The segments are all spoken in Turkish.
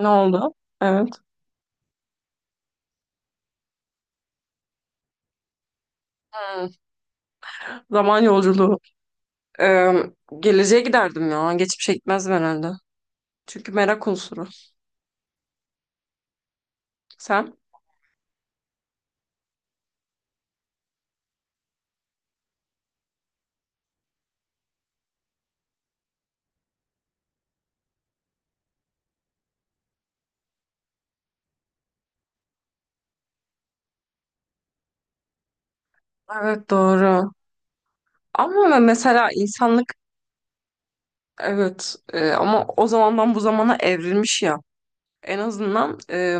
Ne oldu? Evet. Hmm. Zaman yolculuğu. Ee, Geleceğe giderdim ya. Geçmişe gitmezdim herhalde. Çünkü merak unsuru. Sen? Evet, doğru. Ama mesela insanlık, evet, ama o zamandan bu zamana evrilmiş ya. En azından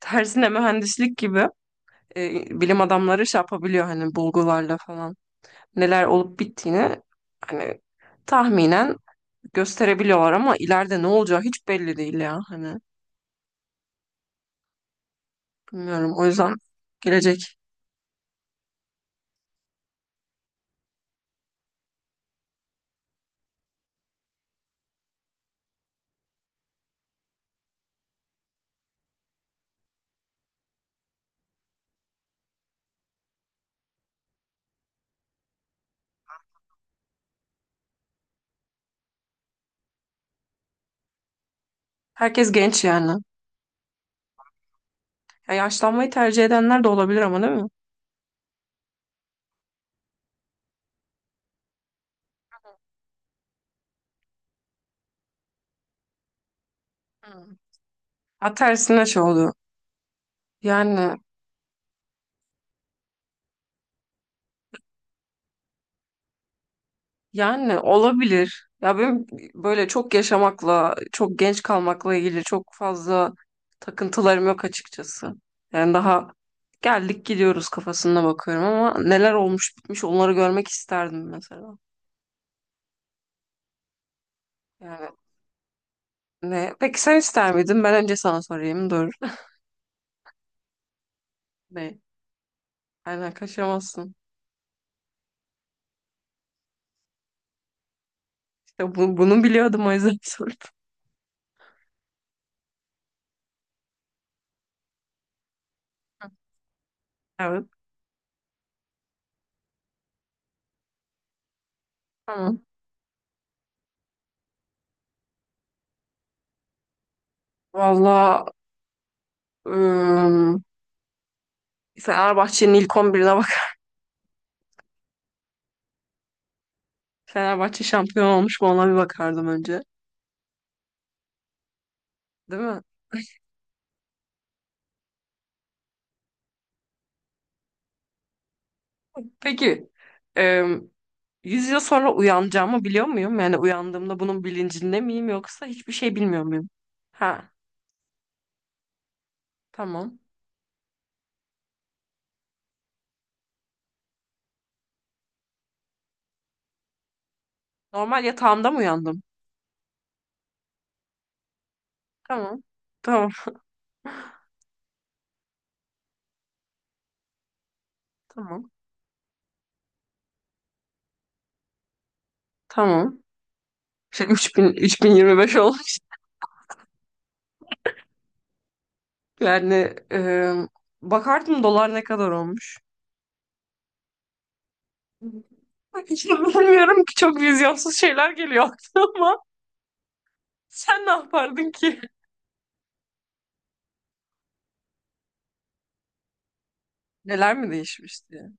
tersine mühendislik gibi, bilim adamları şey yapabiliyor hani bulgularla falan. Neler olup bittiğini hani tahminen gösterebiliyorlar ama ileride ne olacağı hiç belli değil ya hani. Bilmiyorum. O yüzden gelecek. Herkes genç yani. Ya yaşlanmayı tercih edenler de olabilir ama, değil mi? Hmm. Ha, tersine şey oluyor. Yani yani olabilir. Ya benim böyle çok yaşamakla, çok genç kalmakla ilgili çok fazla takıntılarım yok açıkçası. Yani daha geldik gidiyoruz kafasına bakıyorum ama neler olmuş bitmiş onları görmek isterdim mesela. Yani ne? Peki sen ister miydin? Ben önce sana sorayım. Dur. Ne? Aynen, kaçamazsın. Ya bunu biliyordum o yüzden sordum. Evet. Tamam. Valla, ım, Fenerbahçe'nin ilk 11'ine bak. Fenerbahçe şampiyon olmuş mu, ona bir bakardım önce. Değil mi? Peki, ım, 100 yıl sonra uyanacağımı biliyor muyum? Yani uyandığımda bunun bilincinde miyim, yoksa hiçbir şey bilmiyor muyum? Ha, tamam. Normal yatağımda mı uyandım? Tamam. Tamam. Tamam. Tamam. 3000, 3025 olmuş. Yani, bakardım dolar ne kadar olmuş. Hiç bilmiyorum ki, çok vizyonsuz şeyler geliyor aklıma. Ama sen ne yapardın ki? Neler mi değişmişti?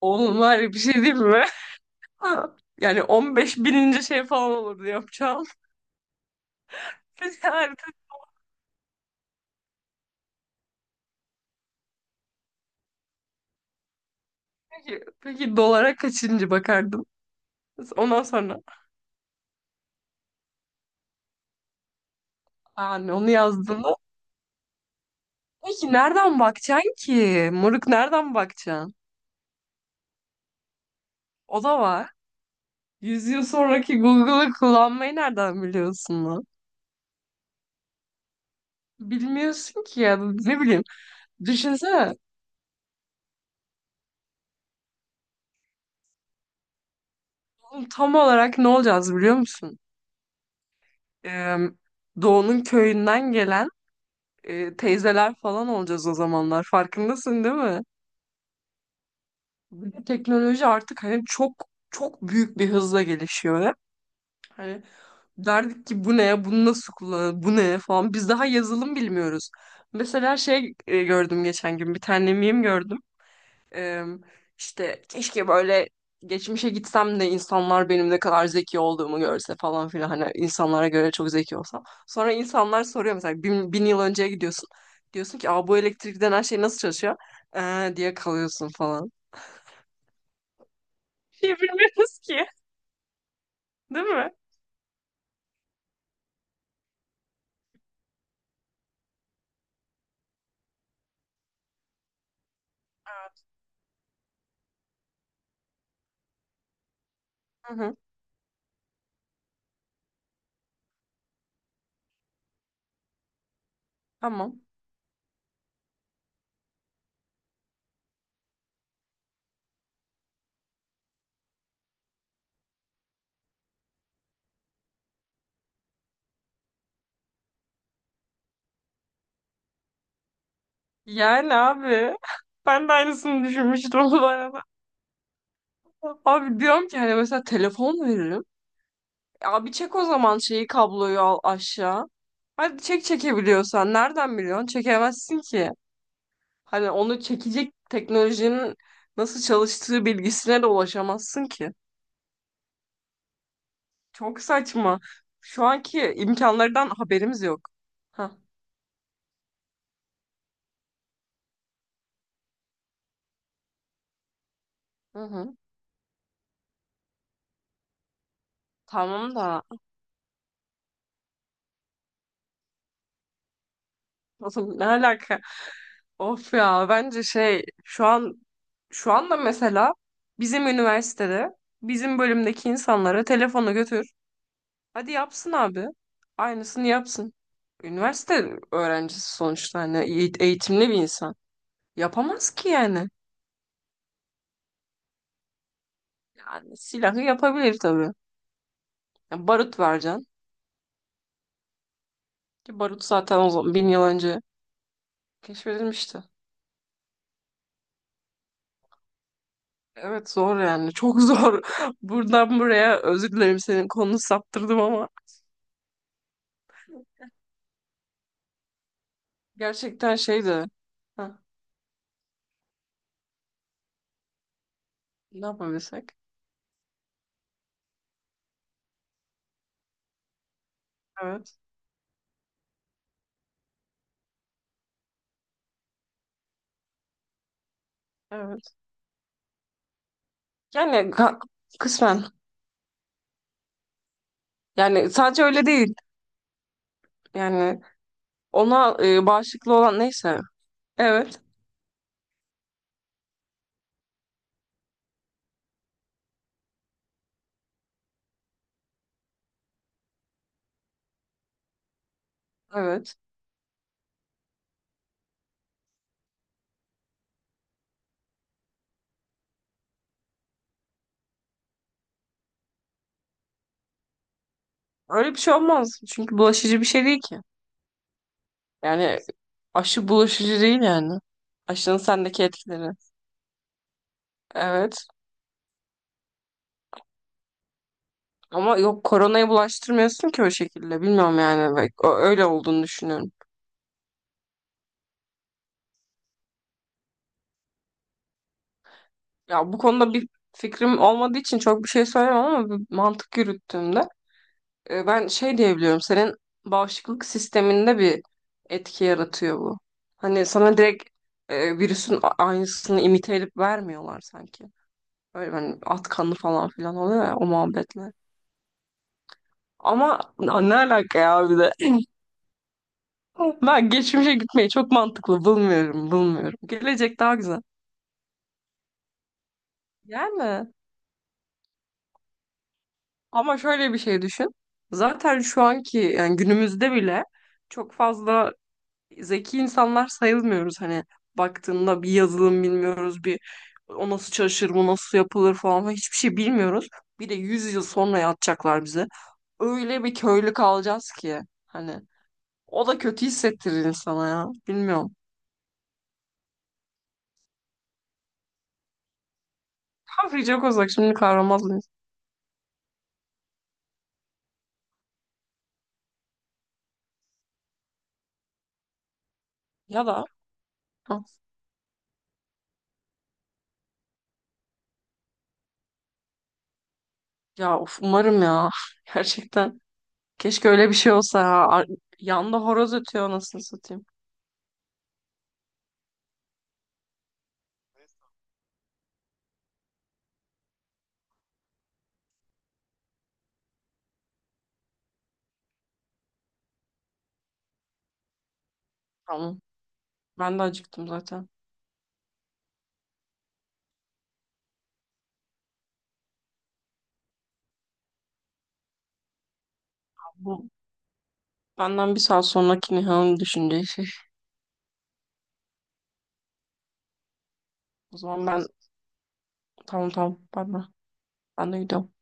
Oğlum, var ya bir şey, değil mi? Yani 15 bininci şey falan olurdu yapacağım. Peki, harita, peki dolara kaçıncı bakardın? Ondan sonra, yani onu yazdığında, peki nereden bakacaksın ki? Moruk, nereden bakacaksın? O da var. 100 yıl sonraki Google'ı kullanmayı nereden biliyorsun lan? Bilmiyorsun ki ya, ne bileyim. Düşünsene. Oğlum, tam olarak ne olacağız biliyor musun? Ee, Doğu'nun köyünden gelen, teyzeler falan olacağız o zamanlar. Farkındasın, değil mi? Bir de teknoloji artık hani çok çok büyük bir hızla gelişiyor hep. Hani derdik ki bu ne, bunu nasıl kullanır, bu ne falan. Biz daha yazılım bilmiyoruz. Mesela gördüm geçen gün bir tane meme gördüm. Ee, işte keşke böyle geçmişe gitsem de insanlar benim ne kadar zeki olduğumu görse falan filan. Hani insanlara göre çok zeki olsam. Sonra insanlar soruyor, mesela bin yıl önceye gidiyorsun. Diyorsun ki: "Aa, bu elektrik denen şey nasıl çalışıyor?" Diye kalıyorsun falan. Bir şey bilmiyoruz ki. Değil mi? Hı hı. Tamam. Yani abi, ben de aynısını düşünmüştüm bu arada. Abi diyorum ki hani mesela telefon veririm. Abi, çek o zaman şeyi, kabloyu al aşağı. Hadi çek, çekebiliyorsan. Nereden biliyorsun? Çekemezsin ki. Hani onu çekecek teknolojinin nasıl çalıştığı bilgisine de ulaşamazsın ki. Çok saçma. Şu anki imkanlardan haberimiz yok. Hah. Hı hı. Tamam da, nasıl, ne alaka? Of ya, bence şey, şu anda mesela bizim üniversitede, bizim bölümdeki insanlara telefonu götür. Hadi yapsın abi. Aynısını yapsın. Üniversite öğrencisi sonuçta, hani eğitimli bir insan. Yapamaz ki yani. Yani silahı yapabilir tabii. Yani barut vereceksin. Ki barut zaten o zaman 1.000 yıl önce keşfedilmişti. Evet, zor yani. Çok zor. Buradan buraya özür dilerim, senin konunu saptırdım ama gerçekten şeydi. Heh, ne yapabilsek? Evet. Evet. Yani kısmen. Yani sadece öyle değil. Yani ona, bağışıklı olan neyse. Evet. Evet. Öyle bir şey olmaz. Çünkü bulaşıcı bir şey değil ki. Yani aşı bulaşıcı değil yani. Aşının sendeki etkileri. Evet. Ama yok, koronayı bulaştırmıyorsun ki o şekilde. Bilmiyorum yani. Bak, öyle olduğunu düşünüyorum. Ya bu konuda bir fikrim olmadığı için çok bir şey söyleyemem ama bir mantık yürüttüğümde, ben şey diyebiliyorum. Senin bağışıklık sisteminde bir etki yaratıyor bu. Hani sana direkt, virüsün aynısını imite edip vermiyorlar sanki. Böyle hani at kanı falan filan oluyor ya, o muhabbetler. Ama ne alaka ya, bir de. Ben geçmişe gitmeyi çok mantıklı bulmuyorum, bulmuyorum. Gelecek daha güzel. Yani, ama şöyle bir şey düşün. Zaten şu anki, yani günümüzde bile çok fazla zeki insanlar sayılmıyoruz. Hani baktığında bir yazılım bilmiyoruz, bir o nasıl çalışır, bu nasıl yapılır falan falan, hiçbir şey bilmiyoruz. Bir de 100 yıl sonra yatacaklar bize. Öyle bir köylü kalacağız ki hani. O da kötü hissettirir insana ya. Bilmiyorum. Ha, Free Jack olsak şimdi kahramaz mıyız? Ya da, hı, ya of, umarım ya. Gerçekten. Keşke öyle bir şey olsa ya. Yanda horoz ötüyor, anasını satayım. Tamam. Ben de acıktım zaten. Bu benden bir saat sonraki Nihan'ın düşüneceği şey. O zaman, ben, tamam tamam. Ben de gidiyorum.